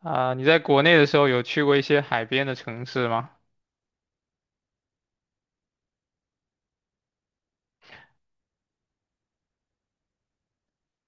啊，你在国内的时候有去过一些海边的城市吗？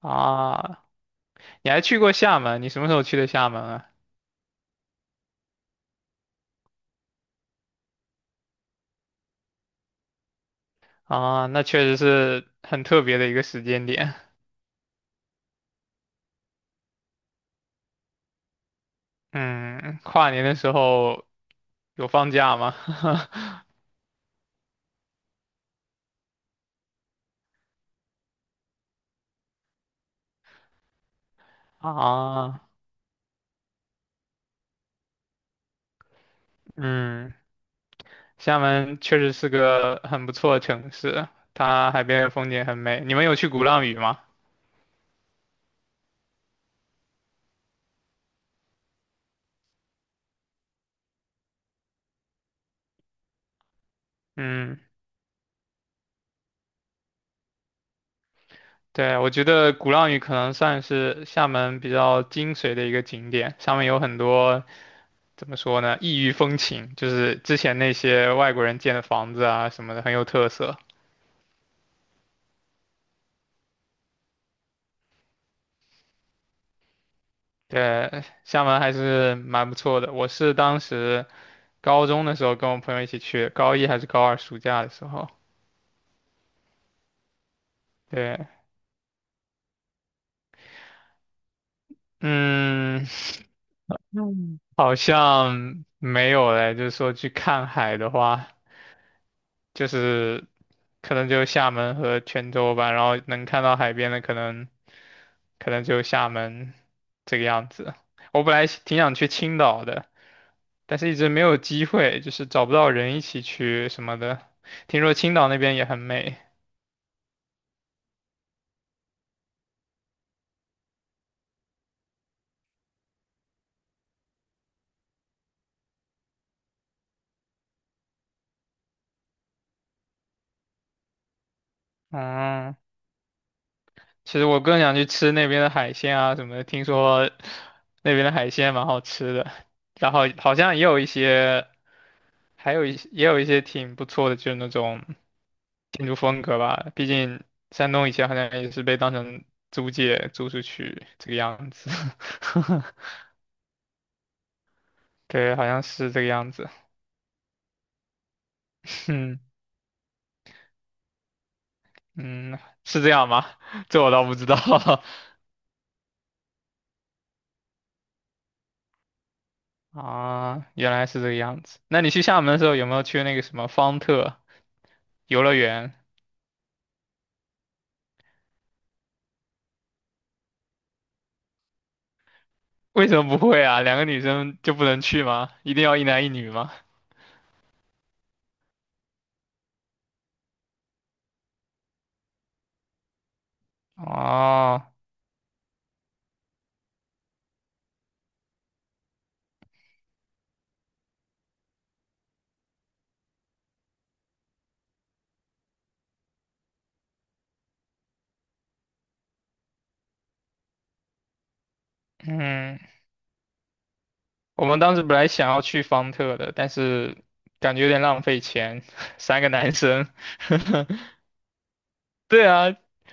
啊，你还去过厦门，你什么时候去的厦门啊？啊，那确实是很特别的一个时间点。嗯，跨年的时候有放假吗？啊，嗯，厦门确实是个很不错的城市，它海边的风景很美。你们有去鼓浪屿吗？嗯，对，我觉得鼓浪屿可能算是厦门比较精髓的一个景点，上面有很多。怎么说呢？异域风情，就是之前那些外国人建的房子啊什么的，很有特色。对，厦门还是蛮不错的。我是当时高中的时候跟我朋友一起去，高一还是高二暑假的时候。对，嗯，嗯，好像没有嘞。就是说去看海的话，就是可能就厦门和泉州吧，然后能看到海边的可能可能就厦门这个样子。我本来挺想去青岛的，但是一直没有机会，就是找不到人一起去什么的。听说青岛那边也很美，嗯，其实我更想去吃那边的海鲜啊什么的，听说那边的海鲜蛮好吃的，然后好像也有一些，还有一也有一些挺不错的，就是那种。民族风格吧，毕竟山东以前好像也是被当成租界租出去这个样子，对，好像是这个样子，嗯嗯，是这样吗？这我倒不知道 啊，原来是这个样子。那你去厦门的时候有没有去那个什么方特游乐园？为什么不会啊？两个女生就不能去吗？一定要一男一女吗？哦，嗯。我们当时本来想要去方特的，但是感觉有点浪费钱，三个男生。对啊，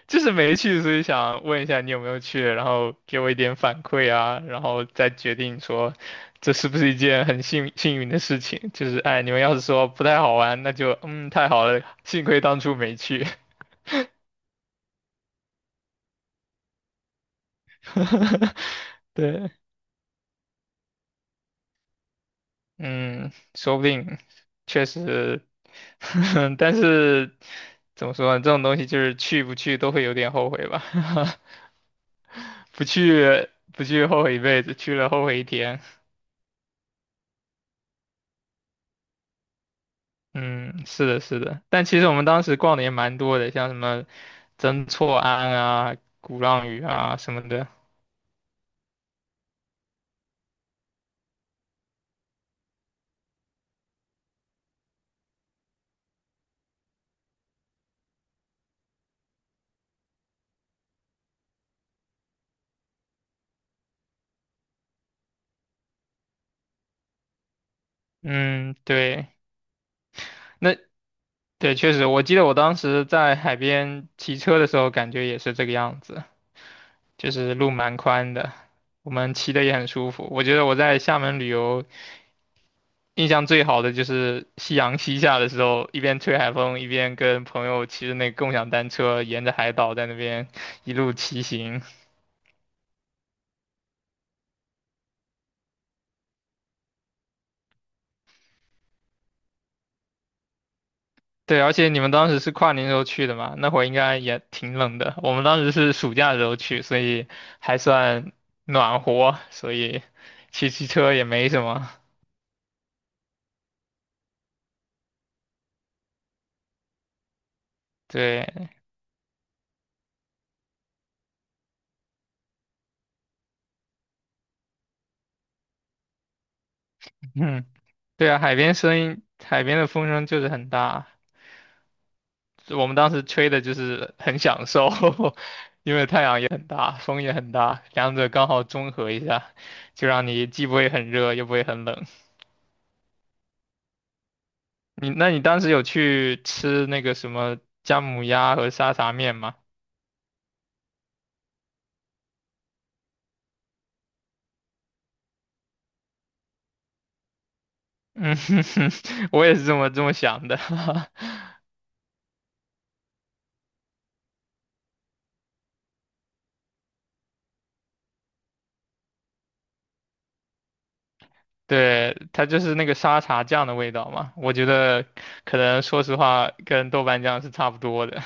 就是没去，所以想问一下你有没有去，然后给我一点反馈啊，然后再决定说这是不是一件很幸运的事情。就是哎，你们要是说不太好玩，那就太好了，幸亏当初没去。对。嗯，说不定确实，但是怎么说呢？这种东西就是去不去都会有点后悔吧，不去后悔一辈子，去了后悔一天。嗯，是的，是的。但其实我们当时逛的也蛮多的，像什么曾厝垵啊、鼓浪屿啊什么的。嗯，对，那对，确实，我记得我当时在海边骑车的时候，感觉也是这个样子。就是路蛮宽的，我们骑的也很舒服。我觉得我在厦门旅游印象最好的就是夕阳西下的时候，一边吹海风，一边跟朋友骑着那个共享单车，沿着海岛在那边一路骑行。对，而且你们当时是跨年时候去的嘛，那会儿应该也挺冷的。我们当时是暑假的时候去，所以还算暖和，所以骑车也没什么。对，嗯，对啊，海边声音，海边的风声就是很大。我们当时吹的就是很享受，因为太阳也很大，风也很大，两者刚好中和一下，就让你既不会很热，又不会很冷。你当时有去吃那个什么姜母鸭和沙茶面吗？嗯，我也是这么想的。对，它就是那个沙茶酱的味道嘛，我觉得可能说实话跟豆瓣酱是差不多的。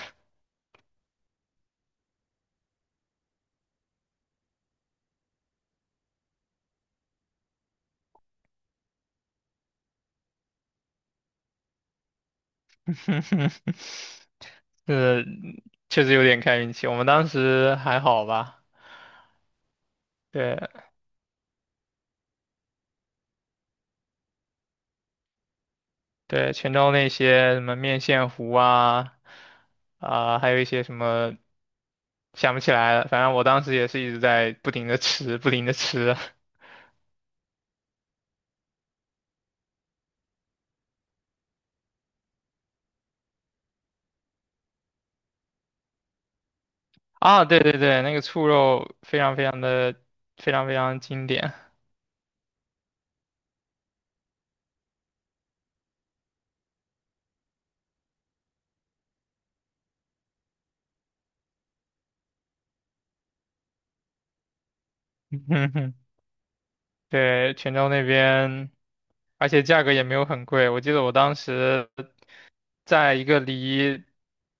呃，确实有点看运气，我们当时还好吧。对对，泉州那些什么面线糊啊，啊、还有一些什么想不起来了，反正我当时也是一直在不停的吃，不停的吃。啊，对对对，那个醋肉非常非常的非常非常经典。嗯哼哼对，泉州那边。而且价格也没有很贵。我记得我当时在一个离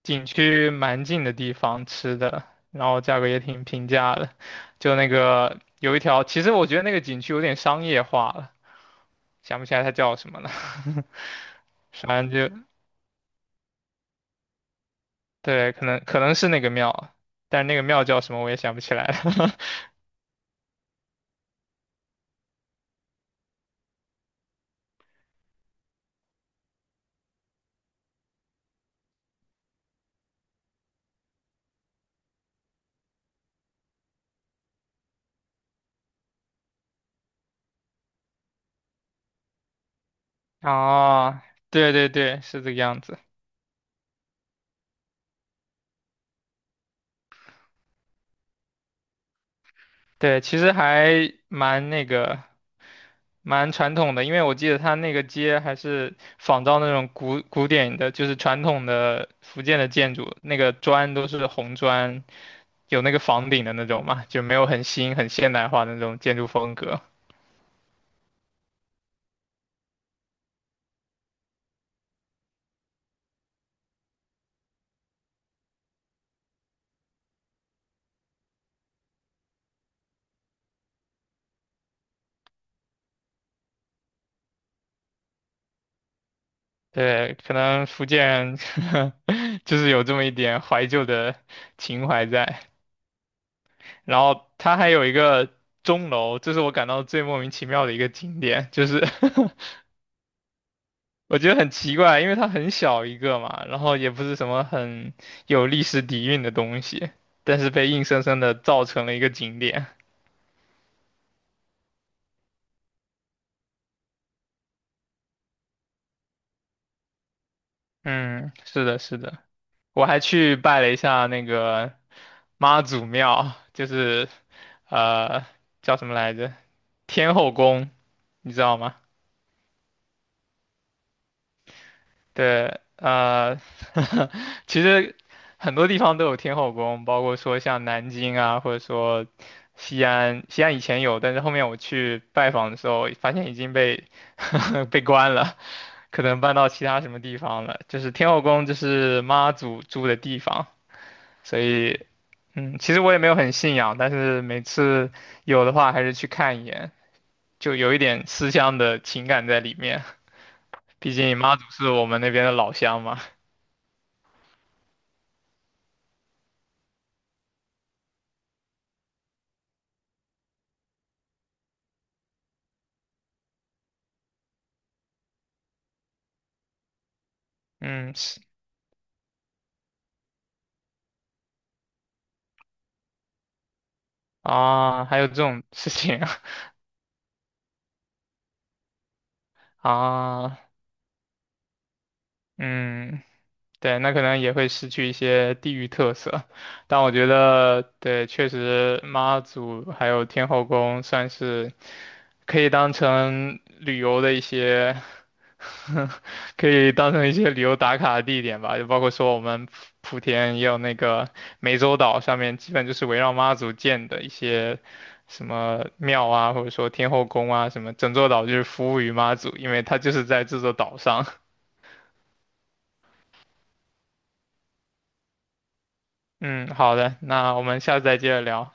景区蛮近的地方吃的，然后价格也挺平价的。就那个有一条，其实我觉得那个景区有点商业化了，想不起来它叫什么了。反正就对，可能是那个庙，但那个庙叫什么我也想不起来了。哦，对对对，是这个样子。对，其实还蛮那个，蛮传统的，因为我记得它那个街还是仿照那种古典的，就是传统的福建的建筑，那个砖都是红砖，有那个房顶的那种嘛，就没有很新很现代化的那种建筑风格。对，可能福建人 就是有这么一点怀旧的情怀在。然后它还有一个钟楼，这是我感到最莫名其妙的一个景点，就是 我觉得很奇怪，因为它很小一个嘛，然后也不是什么很有历史底蕴的东西，但是被硬生生的造成了一个景点。嗯，是的，是的，我还去拜了一下那个妈祖庙，就是呃叫什么来着？天后宫，你知道吗？对，其实很多地方都有天后宫，包括说像南京啊，或者说西安。西安以前有，但是后面我去拜访的时候，发现已经被 被关了，可能搬到其他什么地方了。就是天后宫，就是妈祖住的地方，所以，嗯，其实我也没有很信仰，但是每次有的话还是去看一眼，就有一点思乡的情感在里面。毕竟妈祖是我们那边的老乡嘛，嗯。啊，还有这种事情啊，啊嗯，对，那可能也会失去一些地域特色，但我觉得，对，确实妈祖还有天后宫算是可以当成旅游的一些，可以当成一些旅游打卡的地点吧，就包括说我们莆田也有那个湄洲岛上面，基本就是围绕妈祖建的一些什么庙啊，或者说天后宫啊，什么整座岛就是服务于妈祖，因为它就是在这座岛上。嗯，好的，那我们下次再接着聊。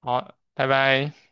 好，拜拜。